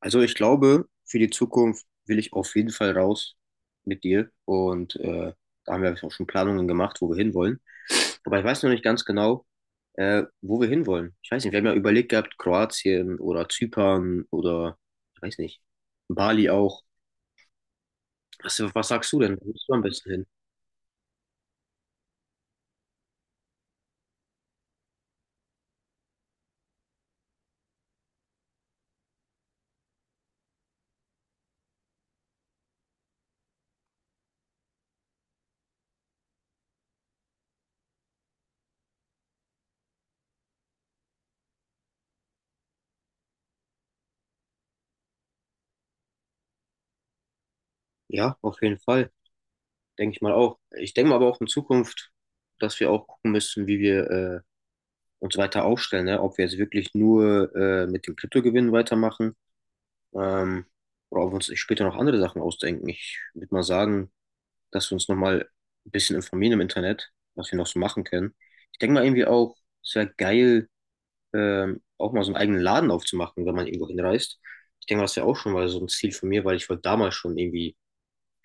Also ich glaube, für die Zukunft will ich auf jeden Fall raus mit dir. Und da haben wir auch schon Planungen gemacht, wo wir hinwollen. Aber ich weiß noch nicht ganz genau, wo wir hinwollen. Ich weiß nicht, wir haben ja überlegt gehabt, Kroatien oder Zypern oder, ich weiß nicht, Bali auch. Was sagst du denn? Wo bist du am besten hin? Ja, auf jeden Fall. Denke ich mal auch. Ich denke mal aber auch in Zukunft, dass wir auch gucken müssen, wie wir uns weiter aufstellen, ne? Ob wir jetzt wirklich nur mit dem Kryptogewinn weitermachen. Ähm, oder ob wir uns später noch andere Sachen ausdenken. Ich würde mal sagen, dass wir uns nochmal ein bisschen informieren im Internet, was wir noch so machen können. Ich denke mal irgendwie auch, es wäre geil, auch mal so einen eigenen Laden aufzumachen, wenn man irgendwo hinreist. Ich denke, mal das wäre auch schon mal so ein Ziel von mir, weil ich wollte damals schon irgendwie,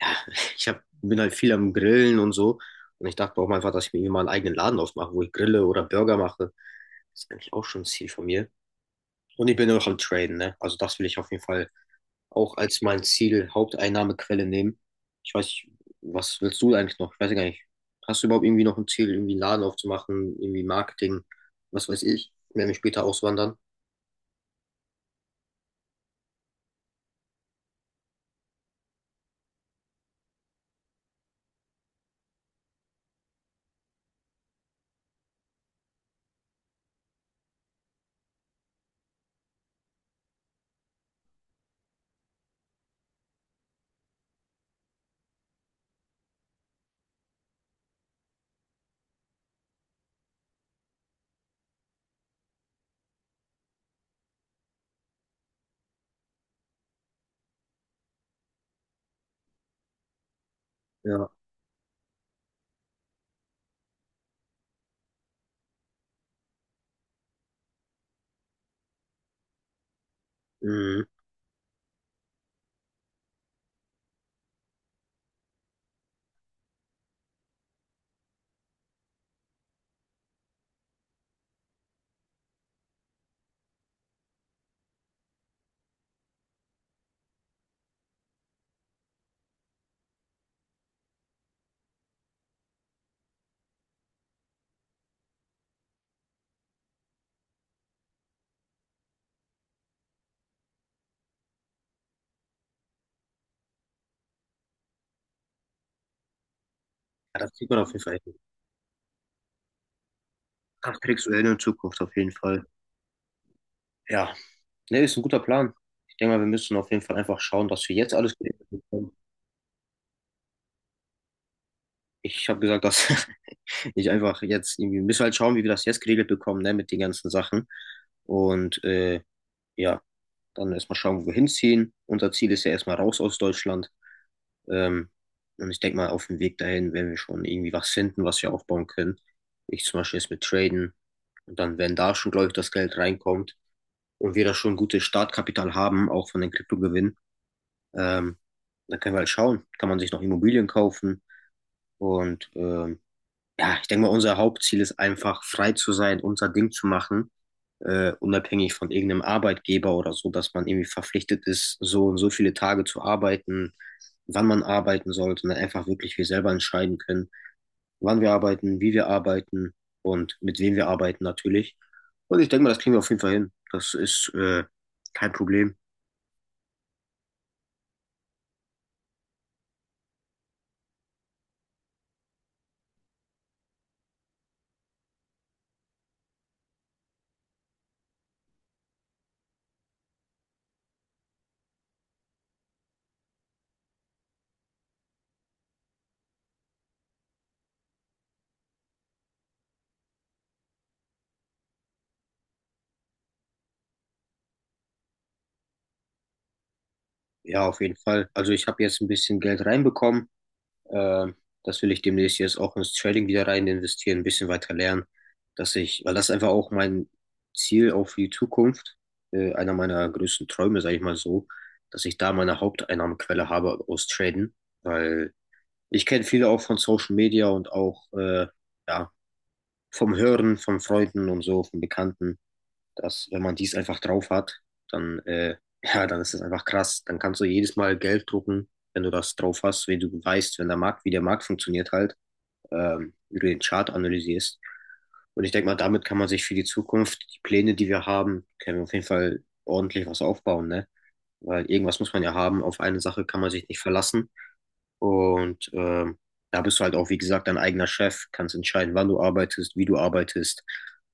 ich hab, bin halt viel am Grillen und so. Und ich dachte auch mal einfach, dass ich mir irgendwie mal einen eigenen Laden aufmache, wo ich grille oder Burger mache. Das ist eigentlich auch schon ein Ziel von mir. Und ich bin auch am Traden, ne? Also das will ich auf jeden Fall auch als mein Ziel Haupteinnahmequelle nehmen. Ich weiß nicht, was willst du eigentlich noch? Ich weiß ja gar nicht. Hast du überhaupt irgendwie noch ein Ziel, irgendwie einen Laden aufzumachen, irgendwie Marketing, was weiß ich, wenn wir später auswandern? Ja, mhm. Ja, das sieht man auf jeden Fall. Das kriegst du hin in der Zukunft auf jeden Fall. Ja, ne, ist ein guter Plan. Ich denke mal, wir müssen auf jeden Fall einfach schauen, dass wir jetzt alles geregelt bekommen. Ich habe gesagt, dass ich einfach jetzt irgendwie, wir müssen halt schauen, wie wir das jetzt geregelt bekommen, ne, mit den ganzen Sachen. Und ja. Dann erstmal schauen, wohin ziehen. Unser Ziel ist ja erstmal raus aus Deutschland. Ähm, und ich denke mal, auf dem Weg dahin werden wir schon irgendwie was finden, was wir aufbauen können. Ich zum Beispiel jetzt mit Traden. Und dann, wenn da schon, glaube ich, das Geld reinkommt und wir da schon gutes Startkapital haben, auch von den Kryptogewinnen, ähm, dann können wir halt schauen. Kann man sich noch Immobilien kaufen? Und ja, ich denke mal, unser Hauptziel ist einfach, frei zu sein, unser Ding zu machen, unabhängig von irgendeinem Arbeitgeber oder so, dass man irgendwie verpflichtet ist, so und so viele Tage zu arbeiten, wann man arbeiten soll, sondern einfach wirklich wir selber entscheiden können, wann wir arbeiten, wie wir arbeiten und mit wem wir arbeiten natürlich. Und ich denke mal, das kriegen wir auf jeden Fall hin. Das ist kein Problem. Ja, auf jeden Fall. Also ich habe jetzt ein bisschen Geld reinbekommen. Äh, Das will ich demnächst jetzt auch ins Trading wieder rein investieren, ein bisschen weiter lernen, dass ich, weil das einfach auch mein Ziel auch für die Zukunft, einer meiner größten Träume, sage ich mal so, dass ich da meine Haupteinnahmequelle habe aus Traden, weil ich kenne viele auch von Social Media und auch ja, vom Hören, von Freunden und so, von Bekannten, dass wenn man dies einfach drauf hat, dann, ja, dann ist das einfach krass. Dann kannst du jedes Mal Geld drucken, wenn du das drauf hast, wenn du weißt, wenn der Markt, wie der Markt funktioniert halt, wie du den Chart analysierst. Und ich denke mal, damit kann man sich für die Zukunft, die Pläne, die wir haben, können wir auf jeden Fall ordentlich was aufbauen, ne? Weil irgendwas muss man ja haben. Auf eine Sache kann man sich nicht verlassen. Und da bist du halt auch, wie gesagt, dein eigener Chef, kannst entscheiden, wann du arbeitest, wie du arbeitest.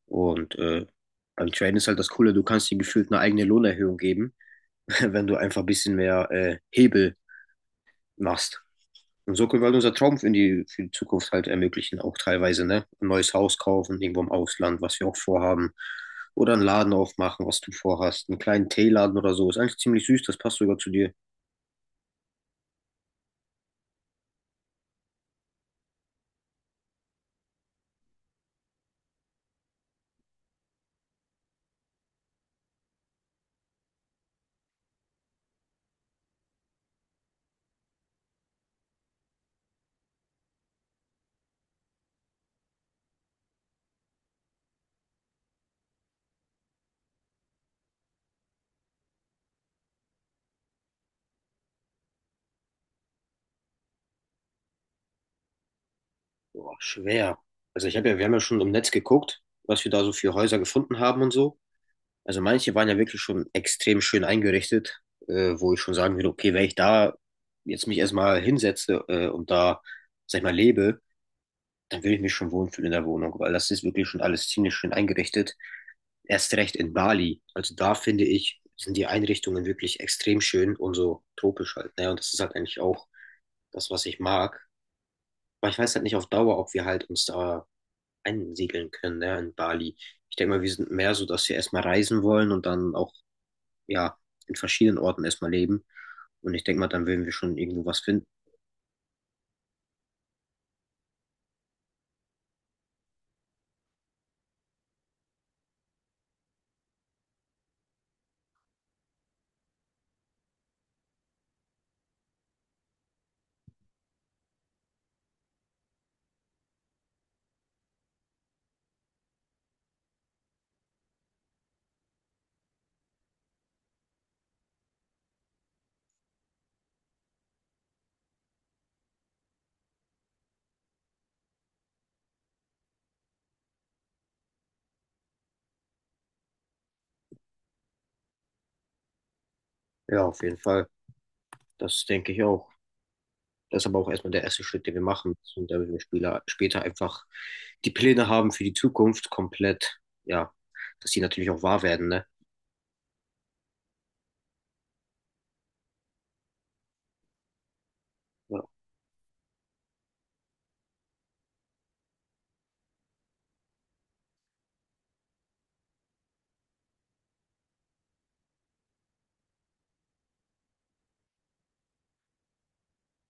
Und beim Traden ist halt das Coole, du kannst dir gefühlt eine eigene Lohnerhöhung geben, wenn du einfach ein bisschen mehr Hebel machst. Und so können wir halt unser Traum in die, für die Zukunft halt ermöglichen, auch teilweise, ne? Ein neues Haus kaufen, irgendwo im Ausland, was wir auch vorhaben. Oder einen Laden aufmachen, was du vorhast. Einen kleinen Teeladen oder so. Ist eigentlich ziemlich süß, das passt sogar zu dir. Boah, schwer. Also ich habe ja, wir haben ja schon im Netz geguckt, was wir da so für Häuser gefunden haben und so. Also manche waren ja wirklich schon extrem schön eingerichtet, wo ich schon sagen würde, okay, wenn ich da jetzt mich erstmal hinsetze, und da, sag ich mal, lebe, dann würde ich mich schon wohlfühlen in der Wohnung, weil das ist wirklich schon alles ziemlich schön eingerichtet. Erst recht in Bali. Also da finde ich, sind die Einrichtungen wirklich extrem schön und so tropisch halt. Ne? Und das ist halt eigentlich auch das, was ich mag. Aber ich weiß halt nicht auf Dauer, ob wir halt uns da einsiedeln können, ne, in Bali. Ich denke mal, wir sind mehr so, dass wir erstmal reisen wollen und dann auch, ja, in verschiedenen Orten erstmal leben. Und ich denke mal, dann würden wir schon irgendwo was finden. Ja, auf jeden Fall. Das denke ich auch. Das ist aber auch erstmal der erste Schritt, den wir machen. Und damit wir Spieler später einfach die Pläne haben für die Zukunft komplett, ja, dass die natürlich auch wahr werden, ne? Ja.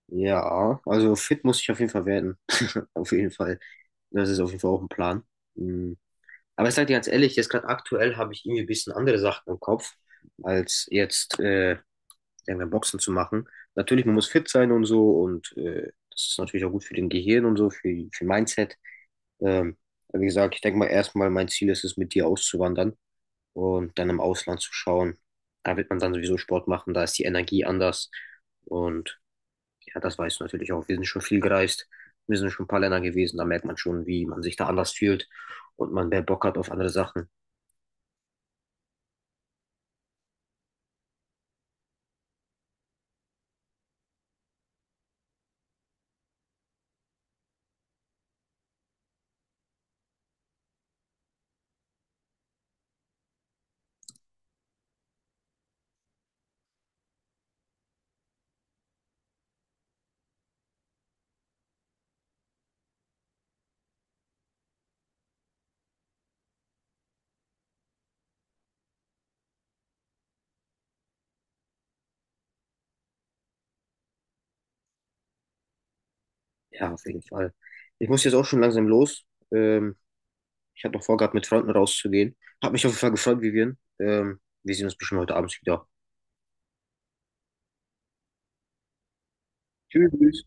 Ja, also fit muss ich auf jeden Fall werden. Auf jeden Fall. Das ist auf jeden Fall auch ein Plan. Mm. Aber ich sage dir ganz ehrlich, jetzt gerade aktuell habe ich irgendwie ein bisschen andere Sachen im Kopf, als jetzt irgendein Boxen zu machen. Natürlich, man muss fit sein und so und das ist natürlich auch gut für den Gehirn und so, für Mindset. Ähm, aber wie gesagt, ich denke mal erstmal, mein Ziel ist es, mit dir auszuwandern und dann im Ausland zu schauen. Da wird man dann sowieso Sport machen, da ist die Energie anders. Und ja, das weißt du natürlich auch. Wir sind schon viel gereist, wir sind schon ein paar Länder gewesen, da merkt man schon, wie man sich da anders fühlt und man mehr Bock hat auf andere Sachen. Ja, auf jeden Fall. Ich muss jetzt auch schon langsam los. Ähm, Ich habe noch vorgehabt, mit Freunden rauszugehen. Hab mich auf jeden Fall gefreut, Vivian. Wir sehen uns bestimmt heute Abend wieder. Tschüss.